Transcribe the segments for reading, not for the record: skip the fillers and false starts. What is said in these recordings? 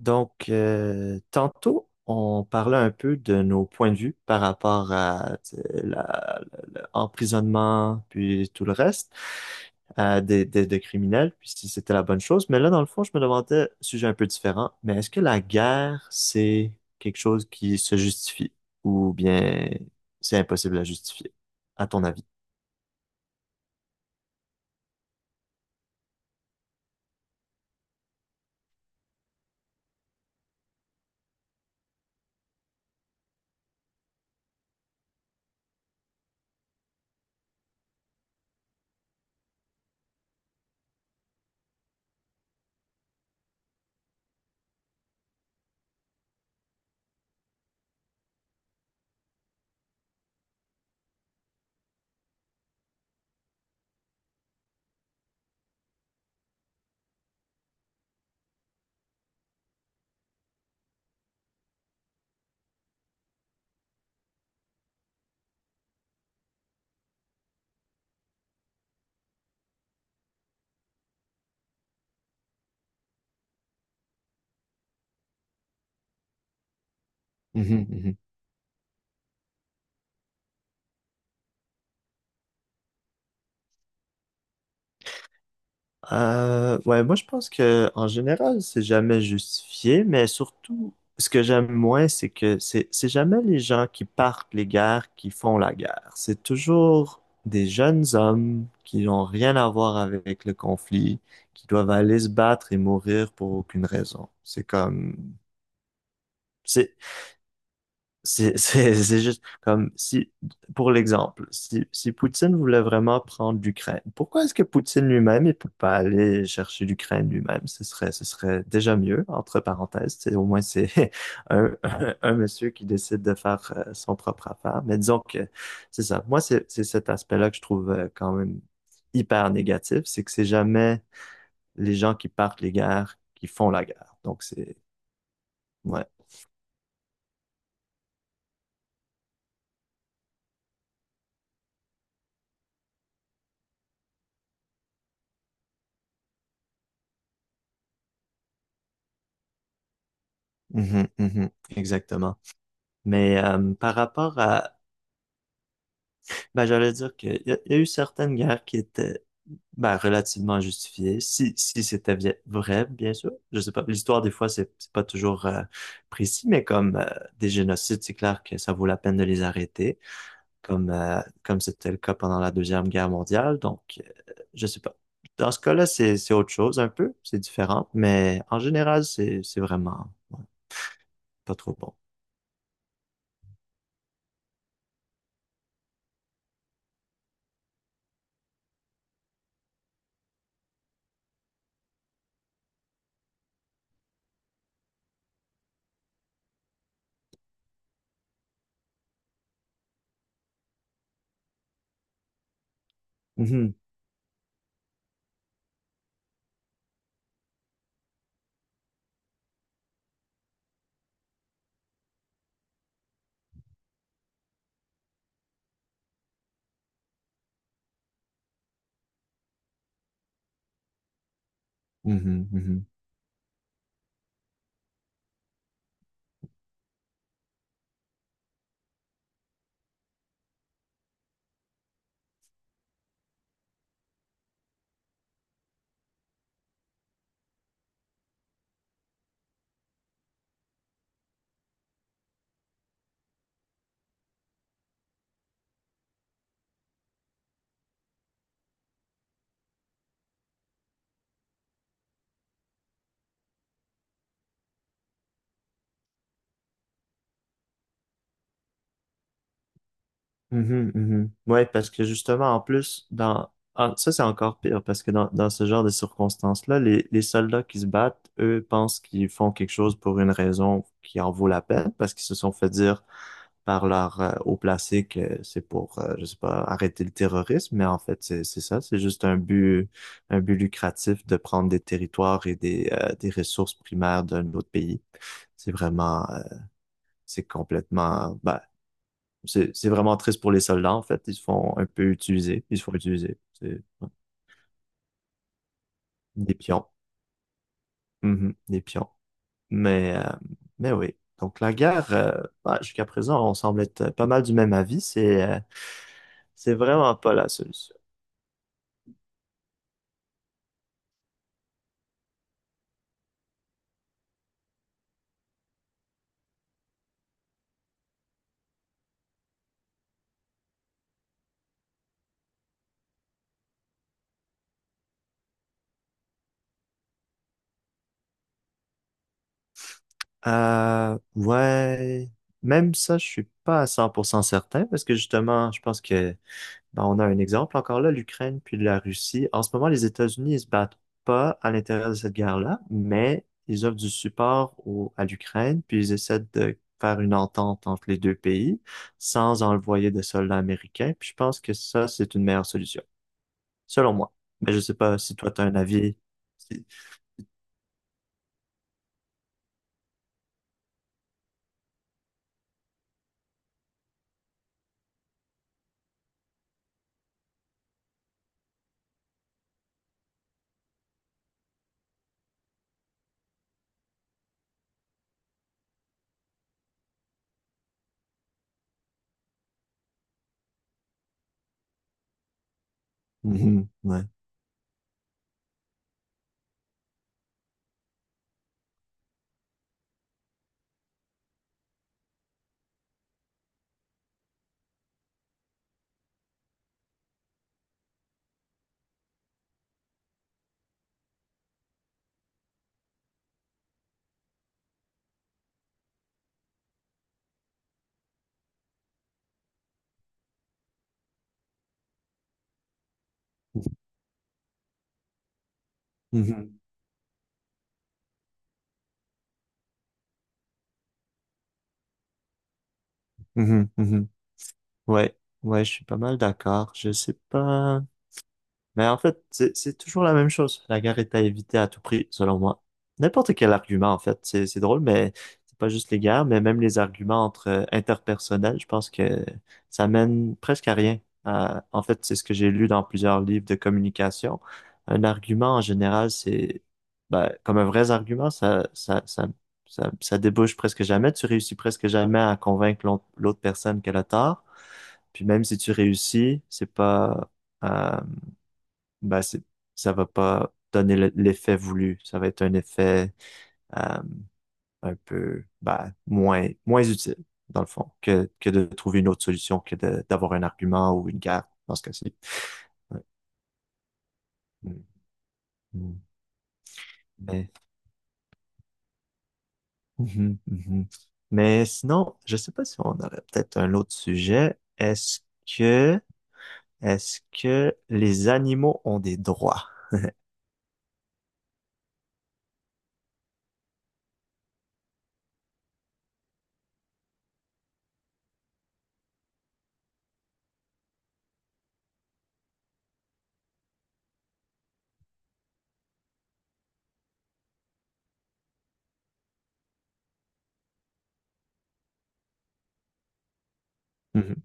Donc, tantôt, on parlait un peu de nos points de vue par rapport à tu sais, l'emprisonnement, puis tout le reste, des criminels, puis si c'était la bonne chose. Mais là, dans le fond, je me demandais, sujet un peu différent, mais est-ce que la guerre, c'est quelque chose qui se justifie ou bien c'est impossible à justifier, à ton avis? Ouais, moi je pense que en général, c'est jamais justifié, mais surtout, ce que j'aime moins, c'est que c'est jamais les gens qui partent les guerres qui font la guerre. C'est toujours des jeunes hommes qui n'ont rien à voir avec le conflit, qui doivent aller se battre et mourir pour aucune raison. C'est comme, c'est c'est c'est juste comme si, pour l'exemple, si Poutine voulait vraiment prendre l'Ukraine, pourquoi est-ce que Poutine lui-même, il peut pas aller chercher l'Ukraine lui-même? Ce serait déjà mieux, entre parenthèses. Au moins, c'est un monsieur qui décide de faire son propre affaire. Mais disons que c'est ça. Moi, c'est cet aspect-là que je trouve quand même hyper négatif. C'est que c'est jamais les gens qui partent les guerres qui font la guerre. Donc, c'est, ouais. Mhm, mhm, exactement. Mais par rapport à, ben, j'allais dire qu'il y, a il y a eu certaines guerres qui étaient ben, relativement justifiées, si c'était vrai, bien sûr. Je sais pas, l'histoire des fois, c'est pas toujours précis, mais comme des génocides, c'est clair que ça vaut la peine de les arrêter, comme c'était le cas pendant la Deuxième Guerre mondiale. Donc, je sais pas. Dans ce cas-là, c'est autre chose un peu, c'est différent, mais en général, c'est vraiment ouais, pas trop bon. Mhm, mhm, mhm. Mhm, mhm. Ouais, parce que justement, en plus, dans ah, ça, c'est encore pire, parce que dans ce genre de circonstances-là, les soldats qui se battent, eux, pensent qu'ils font quelque chose pour une raison qui en vaut la peine, parce qu'ils se sont fait dire par leur haut placé que c'est pour, je sais pas, arrêter le terrorisme, mais en fait, c'est ça, c'est juste un but lucratif de prendre des territoires et des ressources primaires d'un autre pays. C'est vraiment, c'est complètement, bah c'est vraiment triste pour les soldats, en fait. Ils se font un peu utiliser. Ils se font utiliser. C'est ouais, des pions. Mhm, des pions. Mais, euh, mais oui. Donc, la guerre, ouais, jusqu'à présent, on semble être pas mal du même avis. C'est vraiment pas la solution. Ouais, même ça, je suis pas à 100% certain parce que justement, je pense que ben, on a un exemple encore là, l'Ukraine puis la Russie. En ce moment, les États-Unis, ils se battent pas à l'intérieur de cette guerre-là, mais ils offrent du support au, à l'Ukraine puis ils essaient de faire une entente entre les deux pays sans envoyer de soldats américains. Puis je pense que ça, c'est une meilleure solution, selon moi. Mais je sais pas si toi, tu as un avis. Si- Mhm, ouais. Mhm, mhm, mhm. Ouais, ouais, je suis pas mal d'accord. Je sais pas. Mais en fait, c'est toujours la même chose. La guerre est à éviter à tout prix, selon moi. N'importe quel argument, en fait. C'est drôle, mais c'est pas juste les guerres, mais même les arguments entre interpersonnels, je pense que ça mène presque à rien. En fait, c'est ce que j'ai lu dans plusieurs livres de communication. Un argument, en général, c'est, ben, comme un vrai argument, ça débouche presque jamais. Tu réussis presque jamais à convaincre l'autre personne qu'elle a tort. Puis même si tu réussis, c'est pas, euh, ben c'est, ça va pas donner l'effet voulu. Ça va être un effet euh, un peu ben, moins utile, dans le fond, que de trouver une autre solution que d'avoir un argument ou une guerre, dans ce cas-ci. Ouais. Mm, mm. Mais, Mhm, mhm. Mais sinon, je sais pas si on aurait peut-être un autre sujet. Que, est-ce que les animaux ont des droits? Mhm.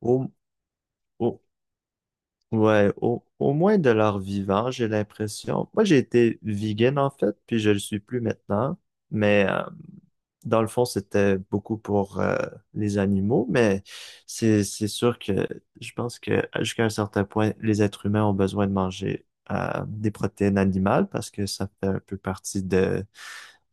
Au- au- Ouais, au moins de leur vivant, j'ai l'impression. Moi, j'ai été vegan en fait, puis je le suis plus maintenant. Mais dans le fond, c'était beaucoup pour les animaux. Mais c'est sûr que je pense que jusqu'à un certain point, les êtres humains ont besoin de manger des protéines animales parce que ça fait un peu partie de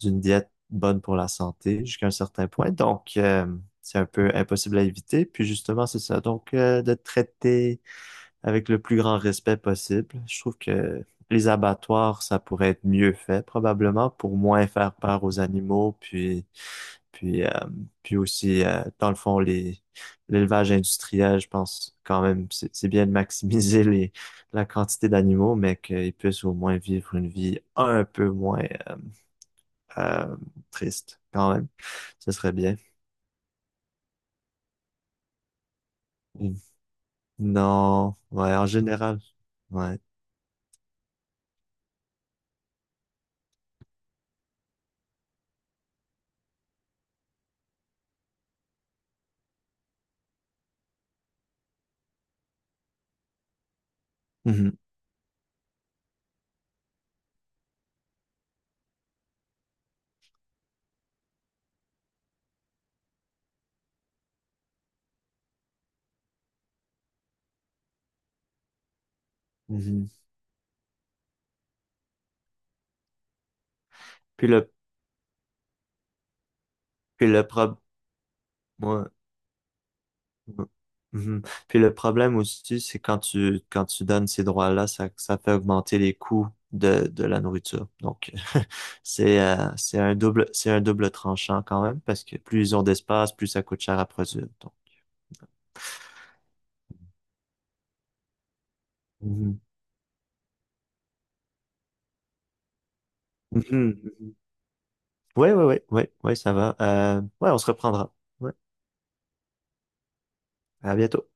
d'une diète bonne pour la santé jusqu'à un certain point. Donc c'est un peu impossible à éviter. Puis justement, c'est ça. Donc de traiter avec le plus grand respect possible. Je trouve que les abattoirs, ça pourrait être mieux fait probablement pour moins faire peur aux animaux, puis puis euh, puis aussi dans le fond les l'élevage industriel, je pense quand même c'est bien de maximiser les la quantité d'animaux, mais qu'ils puissent au moins vivre une vie un peu moins euh, euh, triste quand même. Ce serait bien. Mm. Non, ouais, en général, ouais. Mhm, mhm. Puis le puis le problème. Mhm. Mhm. Puis le problème aussi, c'est quand tu donnes ces droits-là, ça fait augmenter les coûts de la nourriture. Donc c'est un double tranchant quand même parce que plus ils ont d'espace, plus ça coûte cher à produire. Donc. Mhm. Mhm. Mhm. Ouais, ouais, ouais, ouais, ouais, ça va. Ouais, on se reprendra. Ouais. À bientôt.